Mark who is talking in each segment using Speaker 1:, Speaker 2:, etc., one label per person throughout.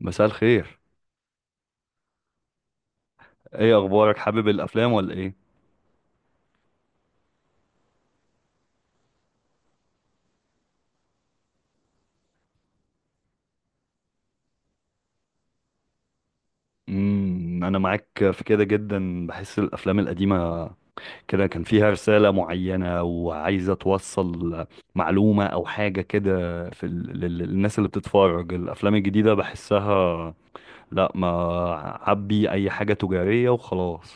Speaker 1: مساء الخير. ايه اخبارك، حابب الافلام ولا ايه؟ انا معاك في كده جدا، بحس الافلام القديمه كده كان فيها رساله معينه وعايزه توصل معلومه او حاجه كده في ال... للناس اللي بتتفرج الافلام الجديده بحسها لا ما عبي اي حاجه تجاريه وخلاص.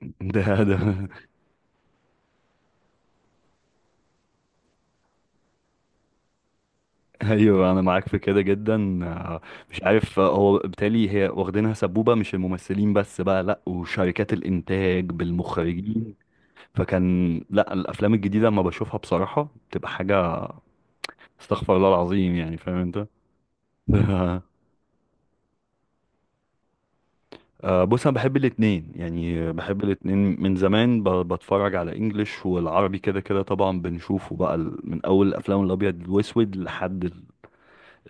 Speaker 1: ده ايوه انا معاك في كده جدا. آه، مش عارف، هو بالتالي هي واخدينها سبوبه، مش الممثلين بس بقى، لا وشركات الانتاج بالمخرجين. فكان لا الافلام الجديده لما بشوفها بصراحه بتبقى حاجه استغفر الله العظيم، يعني فاهم انت. بص انا بحب الاتنين يعني بحب الاتنين من زمان، بتفرج على انجليش والعربي كده كده، طبعا بنشوفه بقى من اول الافلام الابيض والاسود لحد ال-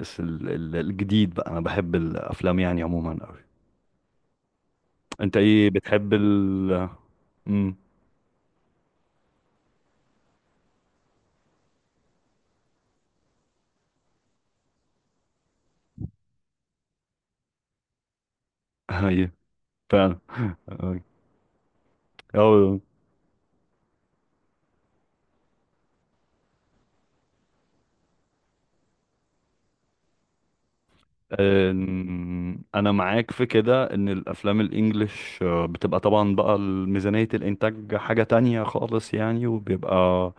Speaker 1: الس- ال- ال- الجديد بقى، انا بحب الافلام يعني عموما. انت ايه بتحب ال... امم ايوه. فعلا. أو. انا معاك في كده، ان الافلام الانجليش بتبقى طبعا بقى ميزانية الانتاج حاجة تانية خالص يعني، وبيبقى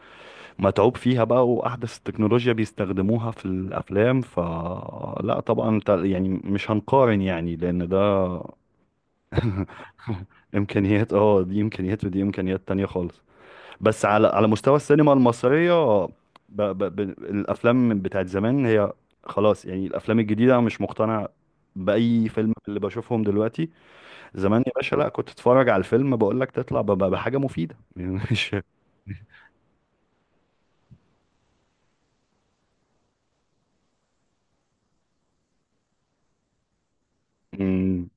Speaker 1: متعوب فيها بقى واحدث التكنولوجيا بيستخدموها في الافلام، فلا طبعا انت يعني مش هنقارن يعني لان ده امكانيات. اه، دي امكانيات ودي امكانيات تانية خالص. بس على على مستوى السينما المصرية، ب... ب... ب... الأفلام بتاعت زمان هي خلاص يعني. الأفلام الجديدة أنا مش مقتنع بأي فيلم من اللي بشوفهم دلوقتي. زمان يا باشا، لا كنت تتفرج على الفيلم بقول لك تطلع ب... بحاجة مفيدة. يعني مش مم.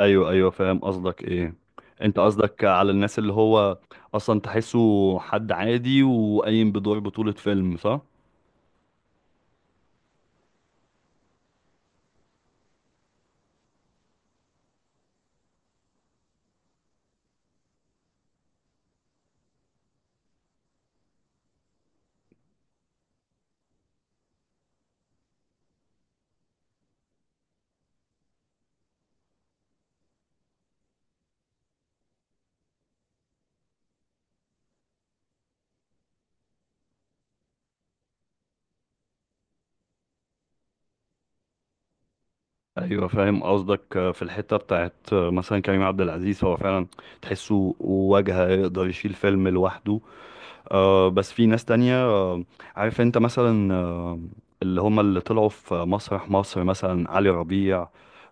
Speaker 1: أيوه أيوه فاهم قصدك إيه. أنت قصدك على الناس اللي هو أصلا تحسه حد عادي وقايم بدور بطولة فيلم، صح؟ ايوه فاهم قصدك، في الحته بتاعت، مثلا كريم عبد العزيز هو فعلا تحسه واجهه يقدر يشيل فيلم لوحده. بس في ناس تانية، عارف انت مثلا اللي هم اللي طلعوا في مسرح مصر مثلا علي ربيع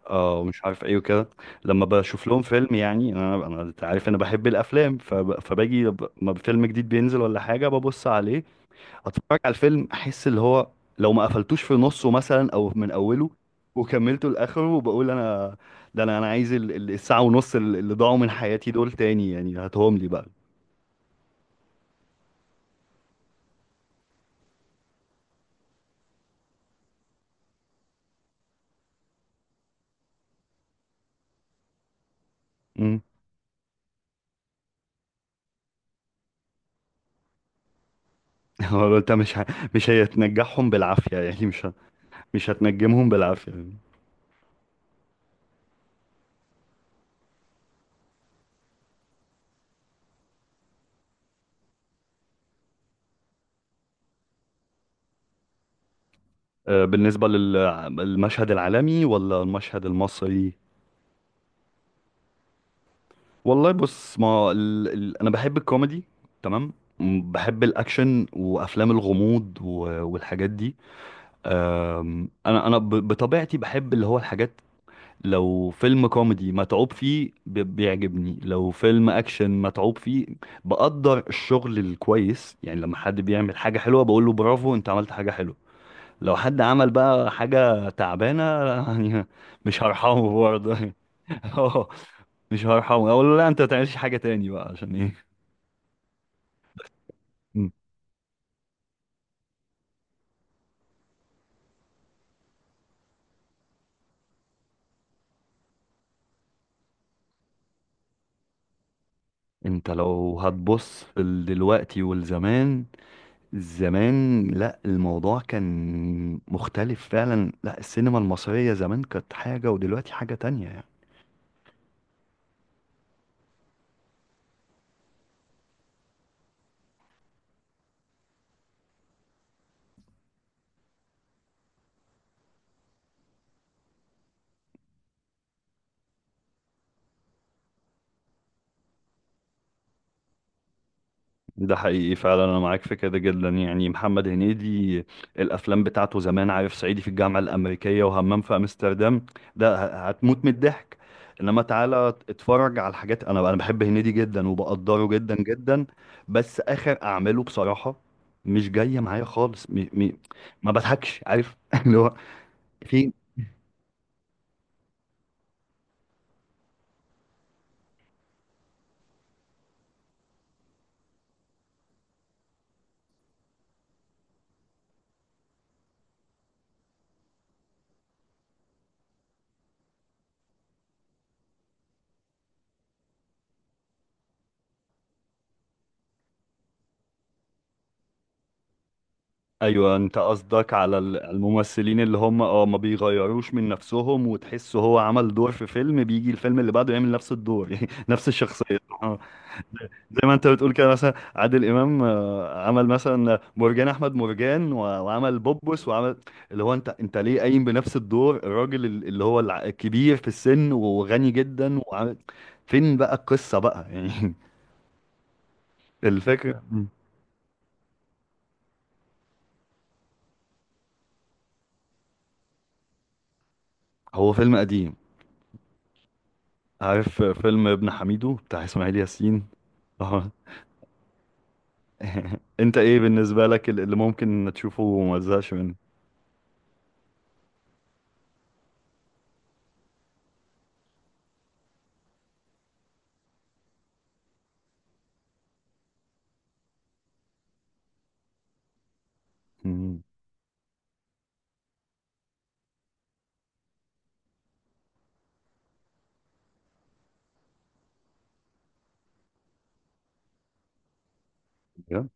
Speaker 1: ومش عارف ايه وكده. لما بشوف لهم فيلم يعني انا انت عارف انا بحب الافلام، فباجي ب- ما فيلم جديد بينزل ولا حاجه ببص عليه، اتفرج على الفيلم احس اللي هو لو ما قفلتوش في نصه مثلا او من اوله وكملته لاخره، بقول انا ده انا عايز ال- الساعه ونص اللي اللي ضاعوا من حياتي دول تاني، يعني هاتهم لي بقى. امم. هو انت مش ه... مش هتنجحهم بالعافيه يعني، مش ه... مش هتنجمهم بالعافيه يعني. بالنسبه للمشهد العالمي ولا المشهد المصري؟ والله بص، ما ال... ال... انا بحب الكوميدي، تمام. بحب الاكشن وافلام الغموض و... والحاجات دي. انا بطبيعتي بحب اللي هو الحاجات. لو فيلم كوميدي متعوب فيه بيعجبني، لو فيلم اكشن متعوب فيه بقدر الشغل الكويس، يعني لما حد بيعمل حاجة حلوة بقول له برافو انت عملت حاجة حلوة. لو حد عمل بقى حاجة تعبانة يعني مش هرحمه برضه. اه، مش هرحمه اقول له لا انت ما تعملش حاجة تاني بقى عشان ايه. مم. انت لو هتبص في دلوقتي والزمان، زمان لا الموضوع كان مختلف فعلا. لا السينما المصرية زمان كانت حاجة ودلوقتي حاجة تانية يعني. ده حقيقي فعلا، انا معاك في كده جدا، يعني محمد هنيدي الافلام بتاعته زمان، عارف، صعيدي في الجامعه الامريكيه وهمام في امستردام، ده هتموت من الضحك. انما تعالى اتفرج على الحاجات، انا بحب هنيدي جدا وبقدره جدا جدا، بس اخر اعماله بصراحه مش جايه معايا خالص، م... م... ما بضحكش عارف. اللي هو في... ايوه انت قصدك على الممثلين اللي هم، اه، ما بيغيروش من نفسهم وتحس هو عمل دور في فيلم بيجي الفيلم اللي بعده يعمل نفس الدور يعني نفس الشخصيه. اه، زي ما انت بتقول كده، مثلا عادل امام عمل مثلا مرجان احمد مرجان، وعمل بوبوس وعمل اللي هو انت ليه قايم بنفس الدور، الراجل اللي هو الكبير في السن وغني جدا وعمل. فين بقى القصه بقى يعني. الفكره مم. هو فيلم قديم. عارف فيلم ابن حميدو بتاع اسماعيل ياسين؟ اه. انت ايه بالنسبة لك اللي ممكن تشوفه وما تزهقش منه؟ مم، بجد؟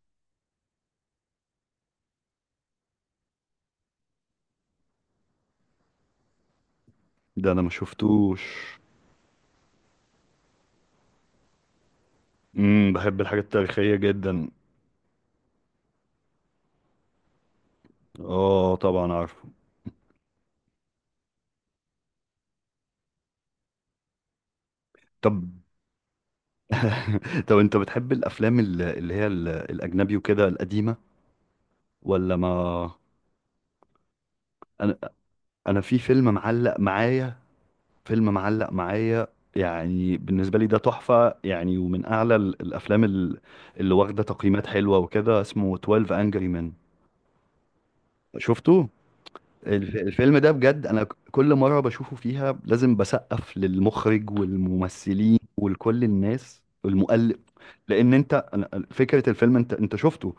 Speaker 1: ده انا ما شفتوش. بحب الحاجات التاريخية جدا. اه طبعا عارفه. طب. طب انت بتحب الافلام اللي هي الاجنبي وكده القديمة ولا ما... انا انا في فيلم معلق معايا، فيلم معلق معايا يعني بالنسبة لي ده تحفة يعني، ومن أعلى الأفلام اللي واخدة تقييمات حلوة وكده، اسمه 12 Angry Men. شفته؟ الفيلم ده بجد أنا كل مرة بشوفه فيها لازم بسقف للمخرج والممثلين ولكل الناس والمؤلف. لأن أنت فكرة الفيلم، أنت شفته،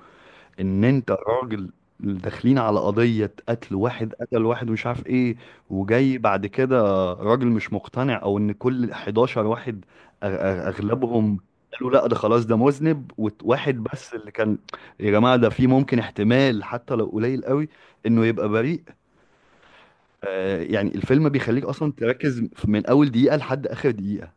Speaker 1: ان انت راجل داخلين على قضية قتل واحد قتل واحد ومش عارف ايه. وجاي بعد كده راجل مش مقتنع او ان كل 11 واحد اغلبهم قالوا لا ده خلاص ده مذنب، وواحد بس اللي كان يا جماعة ده في ممكن احتمال حتى لو قليل قوي انه يبقى بريء. آه يعني الفيلم بيخليك اصلا تركز من اول دقيقة لحد اخر دقيقة.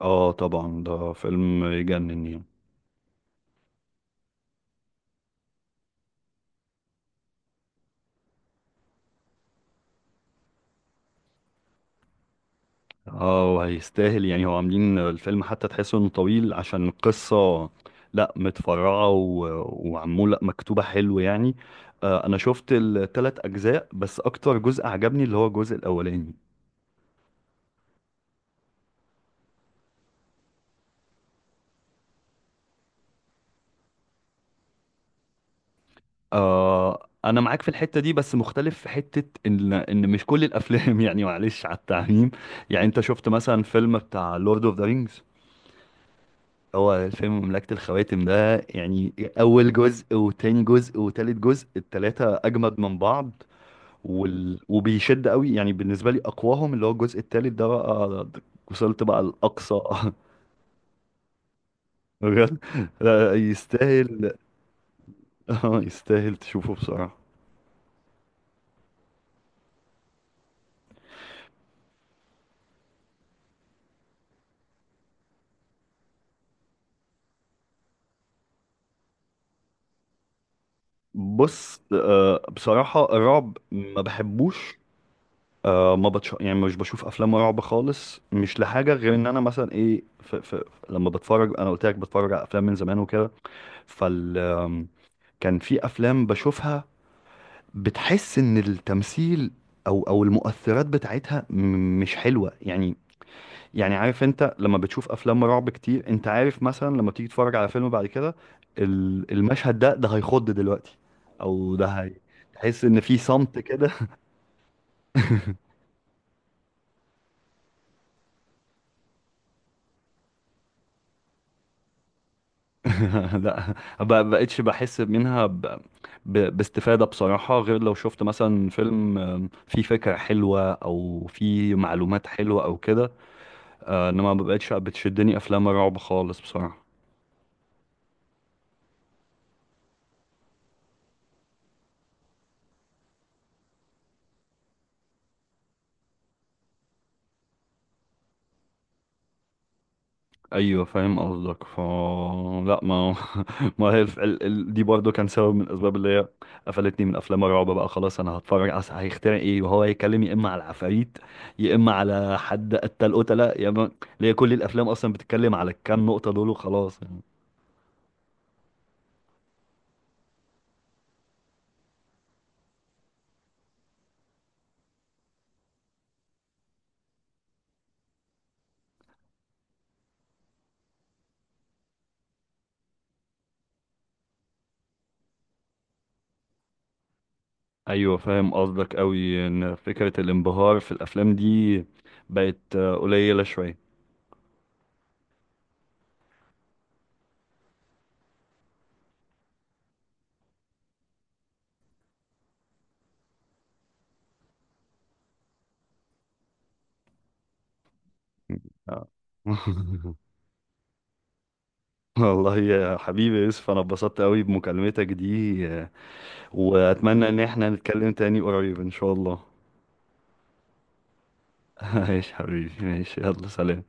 Speaker 1: اه طبعا ده فيلم يجنن يعني. اه وهيستاهل يعني، هو عاملين الفيلم حتى تحسه انه طويل عشان القصة لا متفرعة وعمولة مكتوبة حلو يعني. آه انا شفت التلات اجزاء بس اكتر جزء عجبني اللي هو الجزء الاولاني. آه انا معاك في الحتة دي، بس مختلف في حتة ان مش كل الافلام، يعني معلش على التعميم. يعني انت شفت مثلا فيلم بتاع لورد اوف ذا رينجز، هو الفيلم مملكة الخواتم ده يعني، أول جزء وتاني جزء وتالت جزء، التلاتة أجمد من بعض. وال... وبيشد قوي يعني، بالنسبه لي اقواهم اللي هو الجزء الثالث ده بقى، وصلت بقى الاقصى. بجد؟ لا، يستاهل. يستاهل تشوفه بصراحه. بص بصراحه الرعب ما بحبوش. ما بتش... يعني مش بشوف افلام رعب خالص، مش لحاجه غير ان انا مثلا ايه ف... ف... لما بتفرج، انا قلت لك بتفرج على افلام من زمان وكده، فال كان في افلام بشوفها بتحس ان التمثيل او المؤثرات بتاعتها مش حلوه يعني. يعني عارف انت لما بتشوف افلام رعب كتير، انت عارف مثلا لما تيجي تتفرج على فيلم بعد كده، المشهد ده هيخض دلوقتي او ده هي، تحس ان في صمت كده. لا ما بقتش بحس منها ب... ب... باستفاده بصراحه، غير لو شفت مثلا فيلم فيه فكره حلوه او فيه معلومات حلوه او كده، انما ما بقتش بتشدني افلام رعب خالص بصراحه. ايوه فاهم قصدك ف لا ما. ما هي الف... ال... ال... دي برضو كان سبب من الاسباب اللي هي قفلتني من افلام الرعب بقى. خلاص انا هتفرج اصل هيخترع ايه، وهو هيتكلم يا اما على العفاريت يا اما على حد قتل قتله يا اما اللي هي كل الافلام اصلا بتتكلم على الكام نقطه دول وخلاص يعني. ايوه فاهم قصدك قوي، ان فكره الانبهار في الافلام دي بقت قليله شويه. آه. والله يا حبيبي يوسف انا اتبسطت قوي بمكالمتك دي، واتمنى ان احنا نتكلم تاني قريب ان شاء الله. ماشي حبيبي ماشي، يلا سلام.